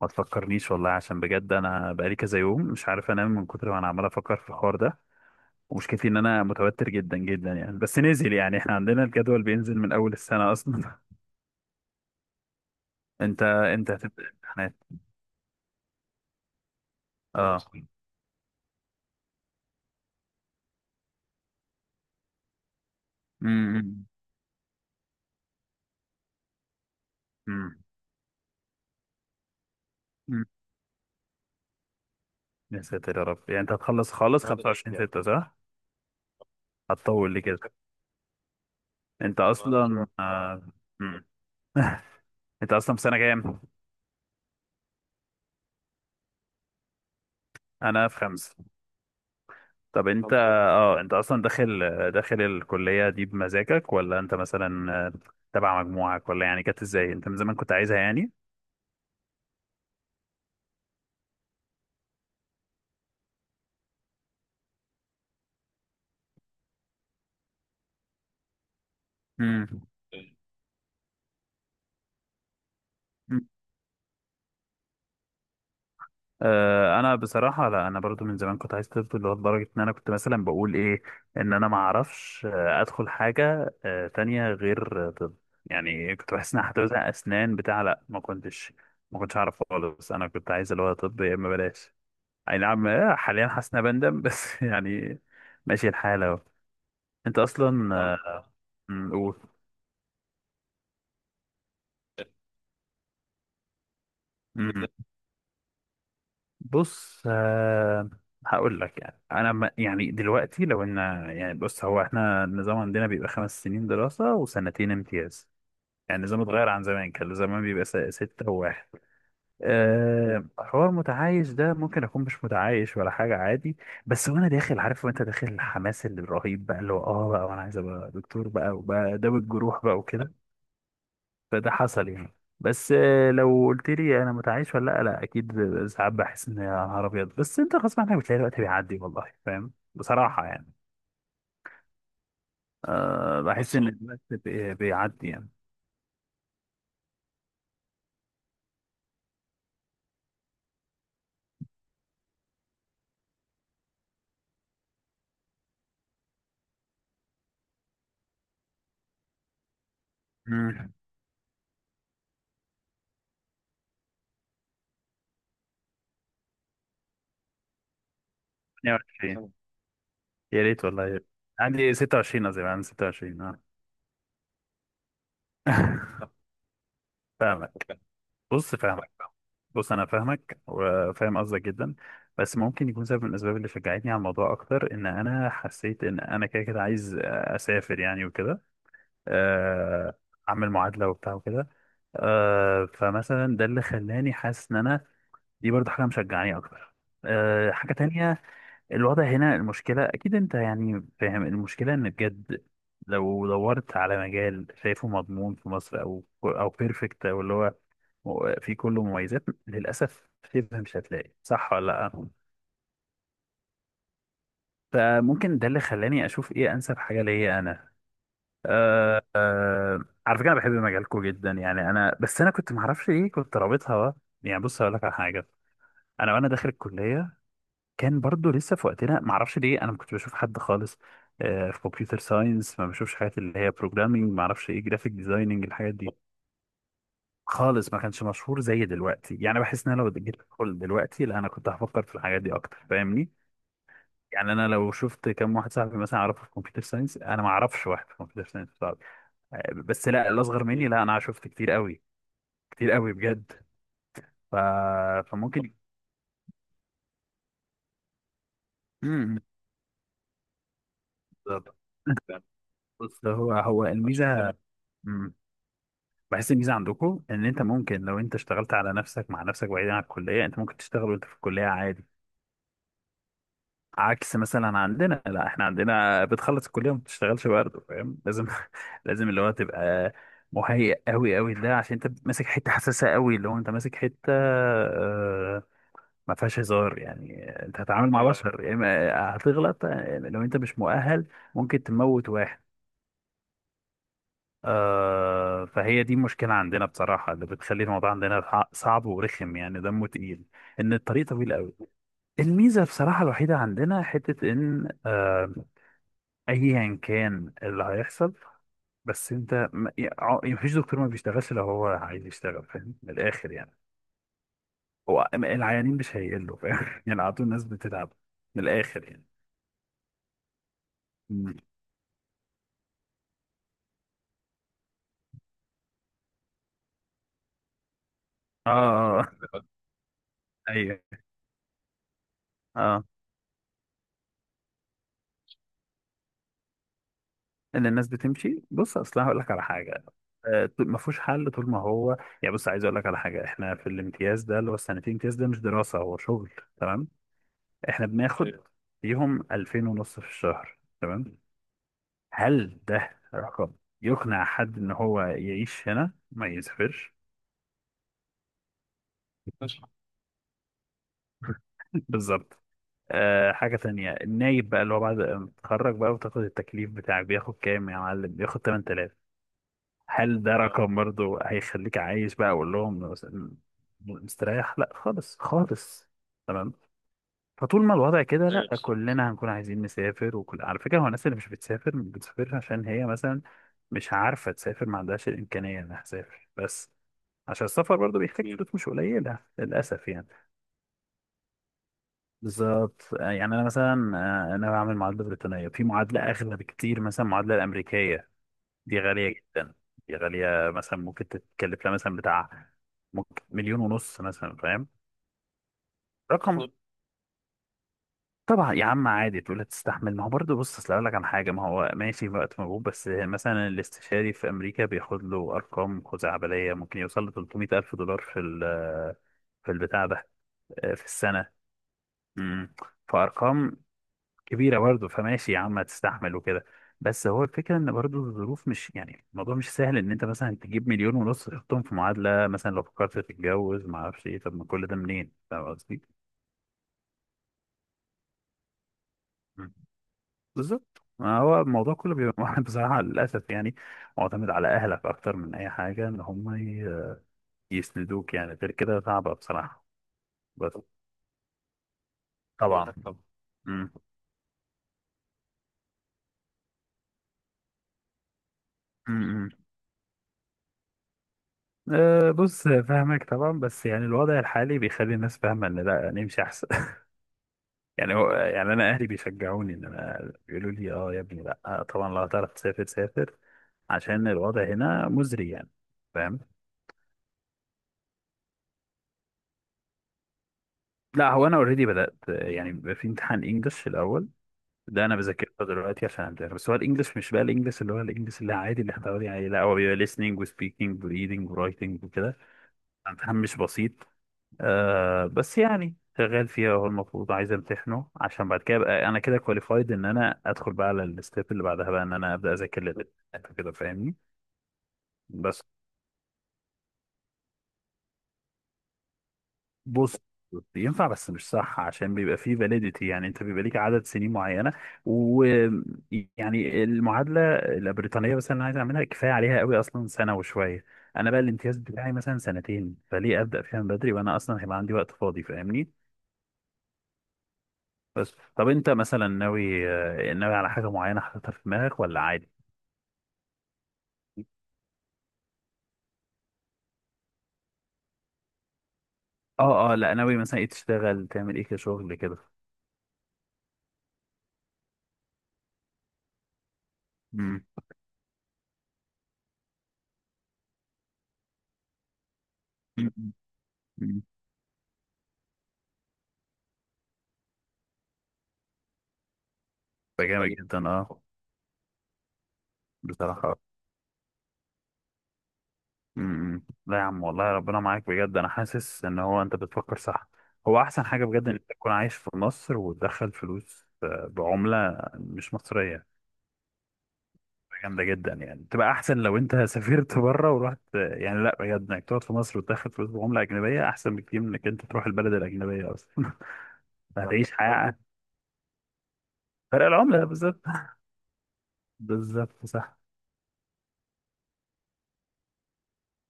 ما تفكرنيش والله. عشان بجد، انا بقالي كذا يوم مش عارف انام من كتر ما انا عمال افكر في الحوار ده. ومشكلتي ان انا متوتر جدا جدا يعني، بس نزل. يعني احنا عندنا الجدول بينزل من اول السنة اصلا. انت هتبدأ امتحانات؟ اه. امم. امم. أمم. يا ساتر يا رب، يعني انت هتخلص خالص 25/6 صح؟ هتطول لي كده. انت اصلا آه. أمم. انت اصلا في سنة كام؟ انا في خمسة. طب انت اصلا داخل؟ داخل الكلية دي بمزاجك ولا انت مثلا تبع مجموعك، ولا يعني كانت ازاي؟ انت من زمان كنت عايزها يعني؟ امم. انا بصراحه لا، انا برضو من زمان كنت عايز طب، اللي هو لدرجه ان انا كنت مثلا بقول ايه، ان انا ما اعرفش ادخل حاجه تانية غير طب. يعني كنت بحس ان أنا هتوزع اسنان بتاع. لا، ما كنتش اعرف خالص. انا كنت عايز اللي هو طب يا اما بلاش. اي نعم. حاليا حاسس إن أنا بندم بس يعني ماشي الحال اهو. انت اصلا، مم، قول. مم. بص. هقول لك. يعني انا يعني دلوقتي لو ان، يعني بص، هو احنا النظام عندنا بيبقى خمس سنين دراسة وسنتين امتياز. يعني النظام اتغير عن زمان، كان زمان بيبقى ستة وواحد. حوار متعايش ده ممكن أكون مش متعايش ولا حاجة، عادي. بس وأنا داخل عارف، وأنت داخل الحماس اللي الرهيب بقى، اللي هو بقى وأنا عايز أبقى دكتور بقى وبقى داوي الجروح بقى، فده حصل يعني. بس لو قلت لي انا متعايش ولا لا، لا اكيد. ساعات بحس ان يا نهار ابيض، بس انت غصب عنك بتلاقي الوقت بيعدي. والله فاهم بصراحه يعني. بحس ان أصلا الوقت بيعدي يعني. امم. 22 طبعا. يا ريت والله. عندي 26، قصدي عندي 26 اه. فاهمك. بص، فاهمك. بص انا فاهمك وفاهم قصدك جدا. بس ممكن يكون سبب من الاسباب اللي شجعتني على الموضوع اكتر، ان انا حسيت ان انا كده كده عايز اسافر يعني وكده. آه، اعمل معادله وبتاع وكده. فمثلا ده اللي خلاني حاسس ان انا دي برضه حاجه مشجعاني اكتر. حاجه تانية، الوضع هنا. المشكله اكيد انت يعني فاهم المشكله، ان بجد لو دورت على مجال شايفه مضمون في مصر، او بيرفكت، او اللي هو في كله مميزات، للاسف شبه مش هتلاقي. صح ولا لا؟ فممكن ده اللي خلاني اشوف ايه انسب حاجه ليا انا. على فكره، انا بحب مجالكم جدا يعني. انا بس انا كنت معرفش ليه كنت رابطها بقى. يعني بص هقول لك على حاجه. انا وانا داخل الكليه كان برضو لسه في وقتنا، معرفش ليه انا ما كنتش بشوف حد خالص في كمبيوتر ساينس. ما بشوفش حاجات اللي هي بروجرامينج، ما اعرفش ايه، جرافيك ديزايننج الحاجات دي. خالص ما كانش مشهور زي دلوقتي. يعني بحس ان انا لو جيت ادخل دلوقتي، لا انا كنت هفكر في الحاجات دي اكتر، فاهمني؟ يعني انا لو شفت كم واحد صاحبي مثلا اعرفه في كمبيوتر ساينس. انا ما اعرفش واحد في كمبيوتر ساينس، بس لا الاصغر مني، لا انا شفت كتير قوي، كتير قوي بجد. ف... فممكن. امم. بالظبط. بص، هو الميزه. امم. بحس الميزه عندكم ان انت ممكن لو انت اشتغلت على نفسك، مع نفسك، بعيدا عن الكليه، انت ممكن تشتغل وانت في الكليه عادي. عكس مثلا عندنا، لا احنا عندنا بتخلص الكليه وما بتشتغلش برضه، فاهم؟ لازم لازم اللي هو تبقى مهيئ قوي قوي، ده عشان انت ماسك حته حساسه قوي، اللي هو انت ماسك حته ما فيهاش هزار يعني. انت هتتعامل مع بشر، يا اما هتغلط. لو انت مش مؤهل ممكن تموت واحد. فهي دي مشكلة عندنا بصراحة، اللي بتخلي الموضوع عندنا صعب ورخم، يعني دمه تقيل، ان الطريق طويل قوي. الميزة بصراحة الوحيدة عندنا حتة، ان ايا كان اللي هيحصل، بس انت ما يع- مفيش دكتور ما بيشتغلش لو هو عايز يشتغل، فاهم؟ من الاخر يعني، هو العيانين مش هيقلوا، فاهم يعني، على طول الناس بتتعب، من الاخر يعني. اه، آه، آه. ايوه، اه. ان الناس بتمشي، بص اصل أنا هقول لك على حاجه. ما فيهوش حل طول ما هو، يعني بص عايز اقول لك على حاجه، احنا في الامتياز ده اللي هو السنتين امتياز ده مش دراسه، هو شغل، تمام؟ احنا بناخد ايوه فيهم 2000 ونص في الشهر. تمام؟ هل ده رقم يقنع حد ان هو يعيش هنا ما يسافرش؟ بالظبط. حاجة تانية، النايب بقى اللي هو بعد ما تتخرج بقى وتاخد التكليف بتاعك، بياخد كام يا معلم؟ بياخد 8000. هل ده رقم برضه هيخليك عايش بقى؟ اقول لهم مستريح؟ لا خالص خالص. تمام. فطول ما الوضع كده، لا كلنا هنكون عايزين نسافر. وكل على فكره، هو الناس اللي مش بتسافر مش بتسافرش عشان هي مثلا مش عارفه تسافر، ما عندهاش الامكانيه انها تسافر. بس عشان السفر برضه بيحتاج فلوس مش قليله للاسف يعني. بالظبط. يعني انا مثلا انا بعمل معادله بريطانيه. في معادله اغلى بكتير، مثلا المعادله الامريكيه دي غالية جدا. دي غالية، مثلا ممكن تتكلف لها مثلا بتاع، ممكن مليون ونص مثلا، فاهم؟ رقم. طبعا يا عم عادي، تقول هتستحمل. ما هو برضه بص اصل اقول لك عن حاجة، ما هو ماشي وقت مجهود، بس مثلا الاستشاري في امريكا بياخد له ارقام خزعبلية، ممكن يوصل ل 300 الف دولار في في البتاع ده، في السنة. امم. فارقام كبيرة برضه، فماشي يا عم هتستحمل وكده. بس هو الفكرة ان برضه الظروف مش يعني الموضوع مش سهل، ان انت مثلا تجيب مليون ونص تحطهم في معادلة مثلا. لو فكرت تتجوز، ما اعرفش ايه، طب ما كل ده منين، فاهم قصدي؟ مم. بالظبط. ما هو الموضوع كله بيبقى بصراحة للأسف يعني معتمد على أهلك أكتر من أي حاجة، إن هم يسندوك، يعني غير كده صعبة بصراحة. بس طبعا. مم. مم. بص فاهمك طبعا، بس يعني الوضع الحالي بيخلي الناس فاهمة إن لا نمشي أحسن. يعني هو، يعني انا اهلي بيشجعوني، ان انا بيقولوا لي اه يا ابني لا طبعا لو هتعرف تسافر سافر، عشان الوضع هنا مزري يعني، فاهم؟ لا هو انا اوريدي بدات يعني، بيبقى في امتحان انجلش الاول، ده انا بذاكره دلوقتي عشان امتحن. بس هو الانجلش مش بقى الانجلش، اللي هو الانجلش اللي عادي اللي احنا متعودين عليه، لا هو بيبقى listening و speaking و reading و writing وكده. امتحان مش بسيط. بس يعني شغال فيها، هو المفروض عايز امتحنه عشان بعد كده ابقى انا كده كواليفايد، ان انا ادخل بقى على الستيب اللي بعدها بقى، ان انا ابدا اذاكر للامتحان كده، فاهمني؟ بس بص، ينفع بس مش صح، عشان بيبقى فيه فاليديتي، يعني انت بيبقى ليك عدد سنين معينه. ويعني المعادله البريطانيه مثلا انا عايز اعملها، كفايه عليها قوي اصلا سنه وشويه. انا بقى الامتياز بتاعي مثلا سنتين، فليه ابدا فيها من بدري وانا اصلا هيبقى عندي وقت فاضي، فاهمني؟ بس طب انت مثلا ناوي على حاجه معينه حاططها في دماغك ولا عادي؟ اه اه لا، ناوي مثلا ايه، تشتغل تعمل ايه كشغل كده؟ امم. مم. مم. ده جامد طيب جدا اه. بصراحه. امم، لا يا عم والله ربنا معاك بجد، انا حاسس ان هو انت بتفكر صح. هو احسن حاجه بجد ان انت تكون عايش في مصر وتدخل فلوس بعمله مش مصريه. جامدة جدا يعني، تبقى أحسن لو أنت سافرت بره ورحت يعني. لا بجد، إنك تقعد في مصر وتاخد فلوس بعملة أجنبية أحسن بكتير من إنك أنت تروح البلد الأجنبية أصلا. هتعيش حياة. فرق العملة بالظبط. بالظبط صح.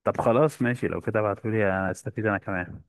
طب خلاص ماشي لو كده ابعتولي، أستفيد أنا كمان.